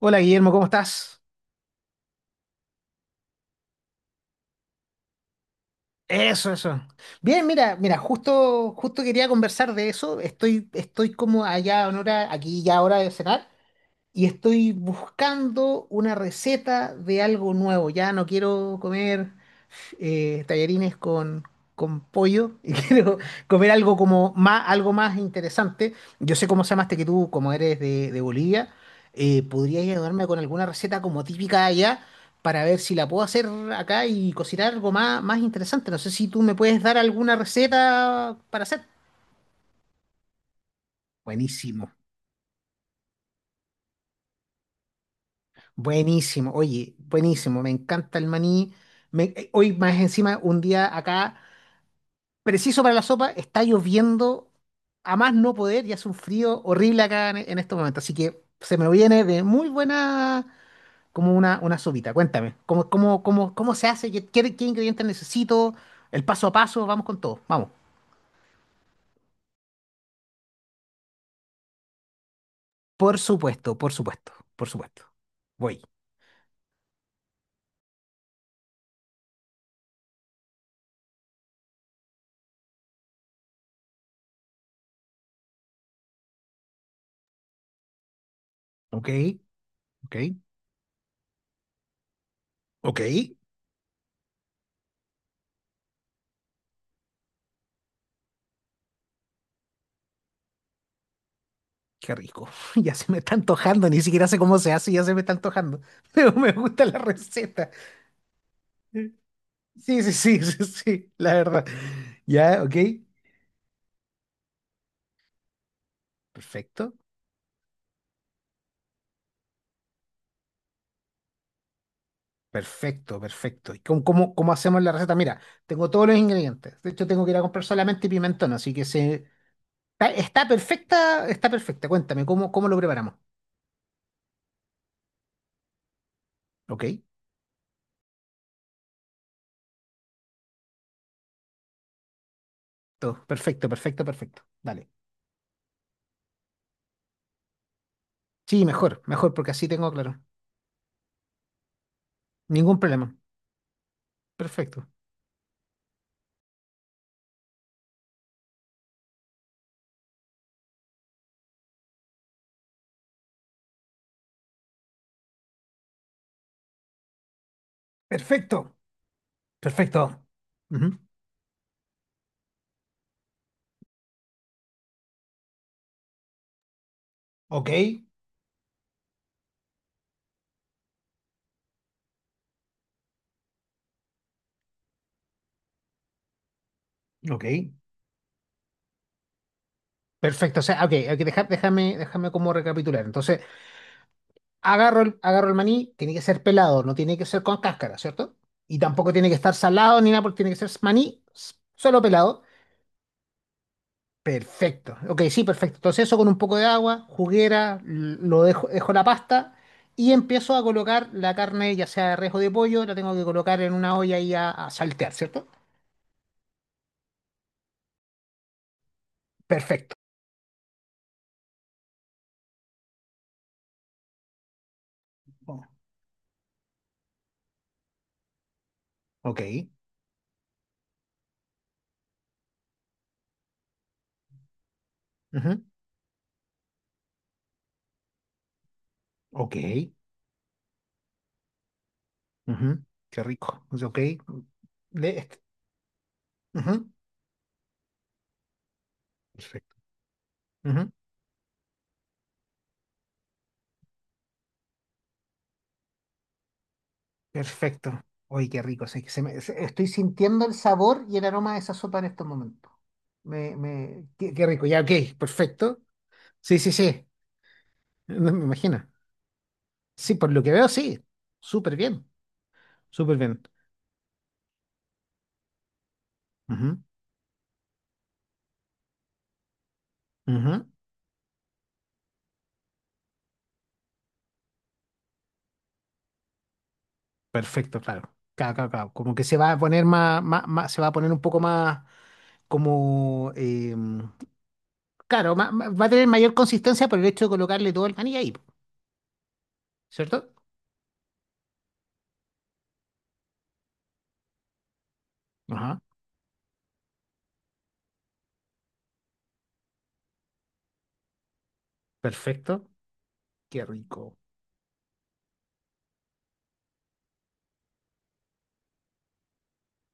Hola Guillermo, ¿cómo estás? Eso, eso. Bien, mira, mira, justo quería conversar de eso. Estoy como allá en hora, aquí ya hora de cenar. Y estoy buscando una receta de algo nuevo. Ya no quiero comer tallarines con pollo, y quiero comer algo como más, algo más interesante. Yo sé cómo se llamaste que tú, como eres de Bolivia, podrías ayudarme con alguna receta como típica de allá para ver si la puedo hacer acá y cocinar algo más, más interesante. No sé si tú me puedes dar alguna receta para hacer. Buenísimo. Buenísimo, oye, buenísimo, me encanta el maní. Hoy más encima, un día acá, preciso para la sopa, está lloviendo a más no poder y hace un frío horrible acá en estos momentos. Así que se me viene de muy buena como una sopita. Cuéntame, ¿cómo, cómo, cómo se hace? ¿Qué, qué ingredientes necesito? El paso a paso, vamos con todo, vamos. Por supuesto, por supuesto, por supuesto. Voy. Ok, ok, ok. Qué rico. Ya se me está antojando, ni siquiera sé cómo se hace, ya se me está antojando. Pero me gusta la receta. Sí, sí, sí, sí, sí, la verdad. Ya, ok. Perfecto, perfecto, perfecto. ¿Y cómo, cómo hacemos la receta? Mira, tengo todos los ingredientes. De hecho, tengo que ir a comprar solamente pimentón, así que se... Está, está perfecta, está perfecta. Cuéntame, ¿cómo, cómo lo preparamos? Ok, todo. Perfecto, perfecto, perfecto. Dale. Sí, mejor, mejor, porque así tengo claro. Ningún problema. Perfecto. Perfecto. Perfecto. Ujú. Ok, ok. Perfecto. O sea, ok, ok, deja- déjame, déjame como recapitular. Entonces, agarro el maní, tiene que ser pelado, no tiene que ser con cáscara, ¿cierto? Y tampoco tiene que estar salado ni nada, porque tiene que ser maní s- solo pelado. Perfecto. Ok, sí, perfecto. Entonces eso con un poco de agua, juguera, l- lo dejo, dejo la pasta y empiezo a colocar la carne, ya sea de res o de pollo, la tengo que colocar en una olla y a saltear, ¿cierto? Perfecto. Ok. Ujú. Ok. Ujú, qué rico. Pues, ok. De este. Ujú, perfecto. Ujú, perfecto. Oye, qué rico. Se- se me- se- estoy sintiendo el sabor y el aroma de esa sopa en estos momentos. Me, qué, qué rico. Ya, ok. Perfecto. Sí, sí, sí. No me imagino. Sí, por lo que veo, sí. Súper bien. Súper bien. Ujú, ujú, perfecto, claro. Claro, claro, ca. Como que se va a poner más, más, más- se va a poner un poco más como claro, ma- ma- va a tener mayor consistencia por el hecho de colocarle todo el maní ahí, po, ¿cierto? Ajá, perfecto. Qué rico.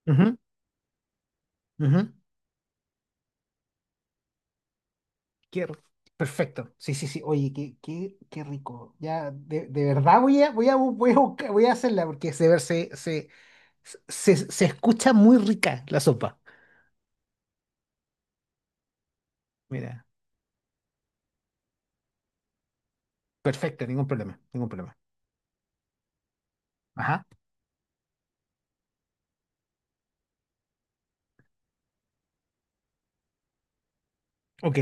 Ujú, ujú, qué ri- perfecto. Sí, sí, sí. Oye, qué, qué rico. Ya, de verdad voy a, voy a, bu- voy a buscar- voy a hacerla porque se, ver- se escucha muy rica la sopa. Mira, perfecto, ningún problema, ningún problema. Ajá, ok.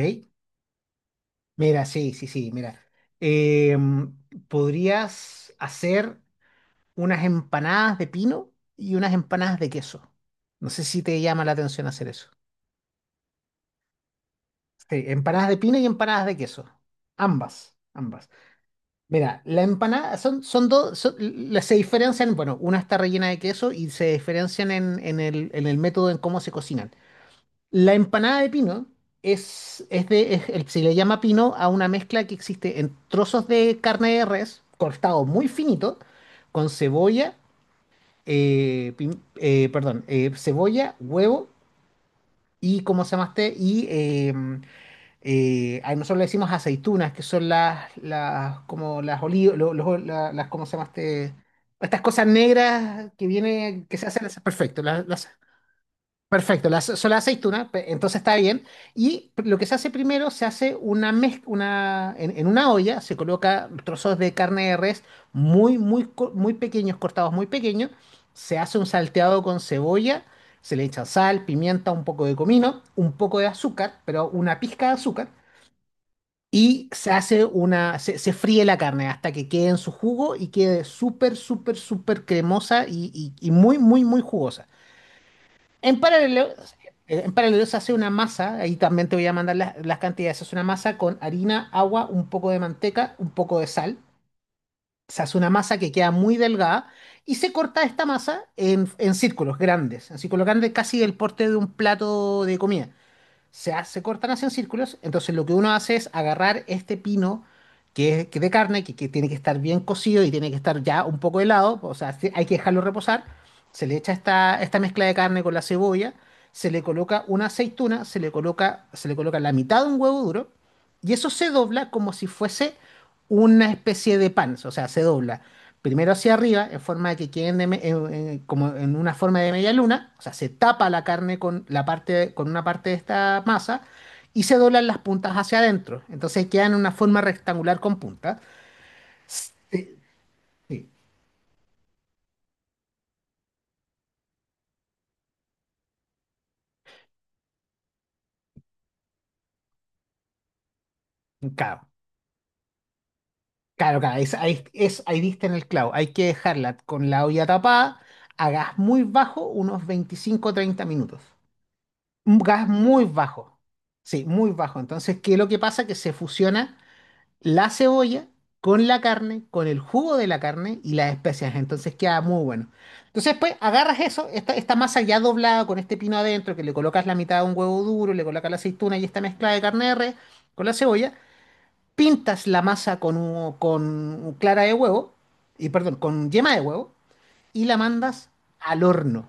Mira, sí, sí, sí, mira. Em, podrías hacer unas empanadas de pino y unas empanadas de queso. No sé si te llama la atención hacer eso. Sí, empanadas de pino y empanadas de queso. Ambas, ambas. Mira, la empanada son, son dos, son- las se diferencian, bueno, una está rellena de queso y se diferencian en, en el método en cómo se cocinan. La empanada de pino es de, es el- se le llama pino a una mezcla que existe en trozos de carne de res, cortado muy finito, con cebolla perdón, cebolla, huevo y, ¿cómo se llamaste? Y a nosotros le decimos aceitunas, que son las como las olivas, las, ¿cómo se llamaste? Estas cosas negras que viene, que se hacen, perfecto, las perfecto, la, so- la aceituna, pe- entonces está bien. Y lo que se hace primero, se hace una mezcla, una, en una olla se coloca trozos de carne de res muy, muy, co- muy pequeños, cortados muy pequeños. Se hace un salteado con cebolla, se le echa sal, pimienta, un poco de comino, un poco de azúcar, pero una pizca de azúcar. Y se hace una, se fríe la carne hasta que quede en su jugo y quede súper, súper, súper cremosa y y muy, muy, muy jugosa. En paralelo, en paralelo se hace una masa, ahí también te voy a mandar las cantidades, se hace una masa con harina, agua, un poco de manteca, un poco de sal, se hace una masa que queda muy delgada y se corta esta masa en círculos grandes casi el porte de un plato de comida se, ha- se cortan así en círculos. Entonces lo que uno hace es agarrar este pino que es que de carne, que tiene que estar bien cocido y tiene que estar ya un poco helado, o sea, sí, hay que dejarlo reposar. Se le echa esta, esta mezcla de carne con la cebolla, se le coloca una aceituna, se le coloca la mitad de un huevo duro y eso se dobla como si fuese una especie de pan, o sea, se dobla primero hacia arriba, en forma de que queden de me- en- como en una forma de media luna, o sea, se tapa la carne con, la parte, con una parte de esta masa y se doblan las puntas hacia adentro. Entonces quedan en una forma rectangular con puntas. Sí, sí, claro, claro, claro, es, ahí diste en el clavo. Hay que dejarla con la olla tapada a gas muy bajo, unos 25 30 minutos. Un gas muy bajo, sí, muy bajo. Entonces, ¿qué es lo que pasa? Que se fusiona la cebolla con la carne, con el jugo de la carne y las especias. Entonces queda muy bueno. Entonces, pues agarras eso, esta masa ya doblada con este pino adentro, que le colocas la mitad de un huevo duro, le colocas la aceituna y esta mezcla de carne de res con la cebolla. Pintas la masa con, un con clara de huevo, y perdón, con yema de huevo y la mandas al horno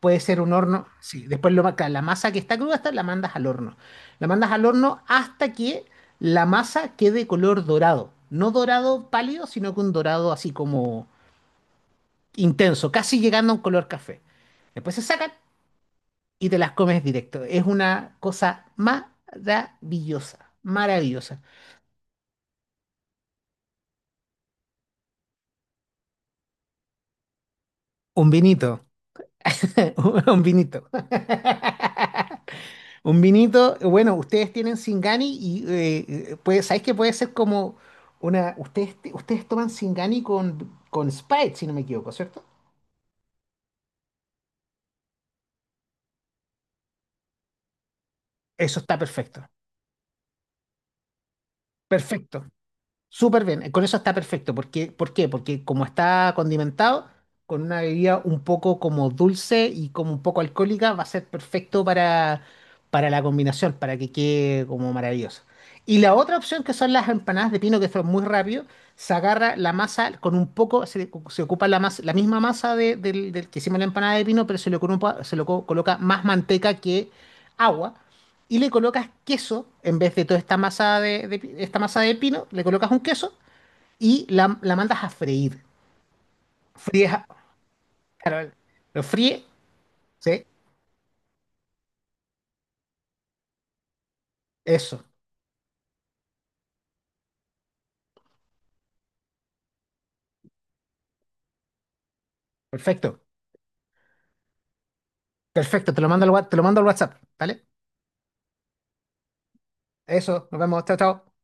puede ser un horno, sí, después lo, ma- claro, la masa que está cruda hasta la mandas al horno. La mandas al horno hasta que la masa quede color dorado, no dorado pálido, sino que un dorado así como intenso, casi llegando a un color café. Después se sacan y te las comes directo. Es una cosa maravillosa, maravillosa. Un vinito, un vinito. Un vinito, bueno, ustedes tienen Singani y puede, ¿sabéis que puede ser como una... Ustedes, ustedes toman Singani con Sprite, si no me equivoco, ¿cierto? Eso está perfecto. Perfecto. Súper bien, con eso está perfecto. Porque, ¿por qué? Porque como está condimentado, con una bebida un poco como dulce y como un poco alcohólica, va a ser perfecto para la combinación, para que quede como maravilloso. Y la otra opción que son las empanadas de pino, que son muy rápido, se agarra la masa con un poco, se ocupa la masa, la misma masa de- del, del que hicimos la empanada de pino, pero se le, ocupa- se le co- coloca más manteca que agua y le colocas queso, en vez de toda esta masa de esta masa de pino, le colocas un queso y la mandas a freír. Fríes, a- claro, lo fríe, ¿sí? Eso, perfecto, perfecto, te lo mando al, wa- te lo mando al WhatsApp, ¿vale? Eso, nos vemos, chao, chao.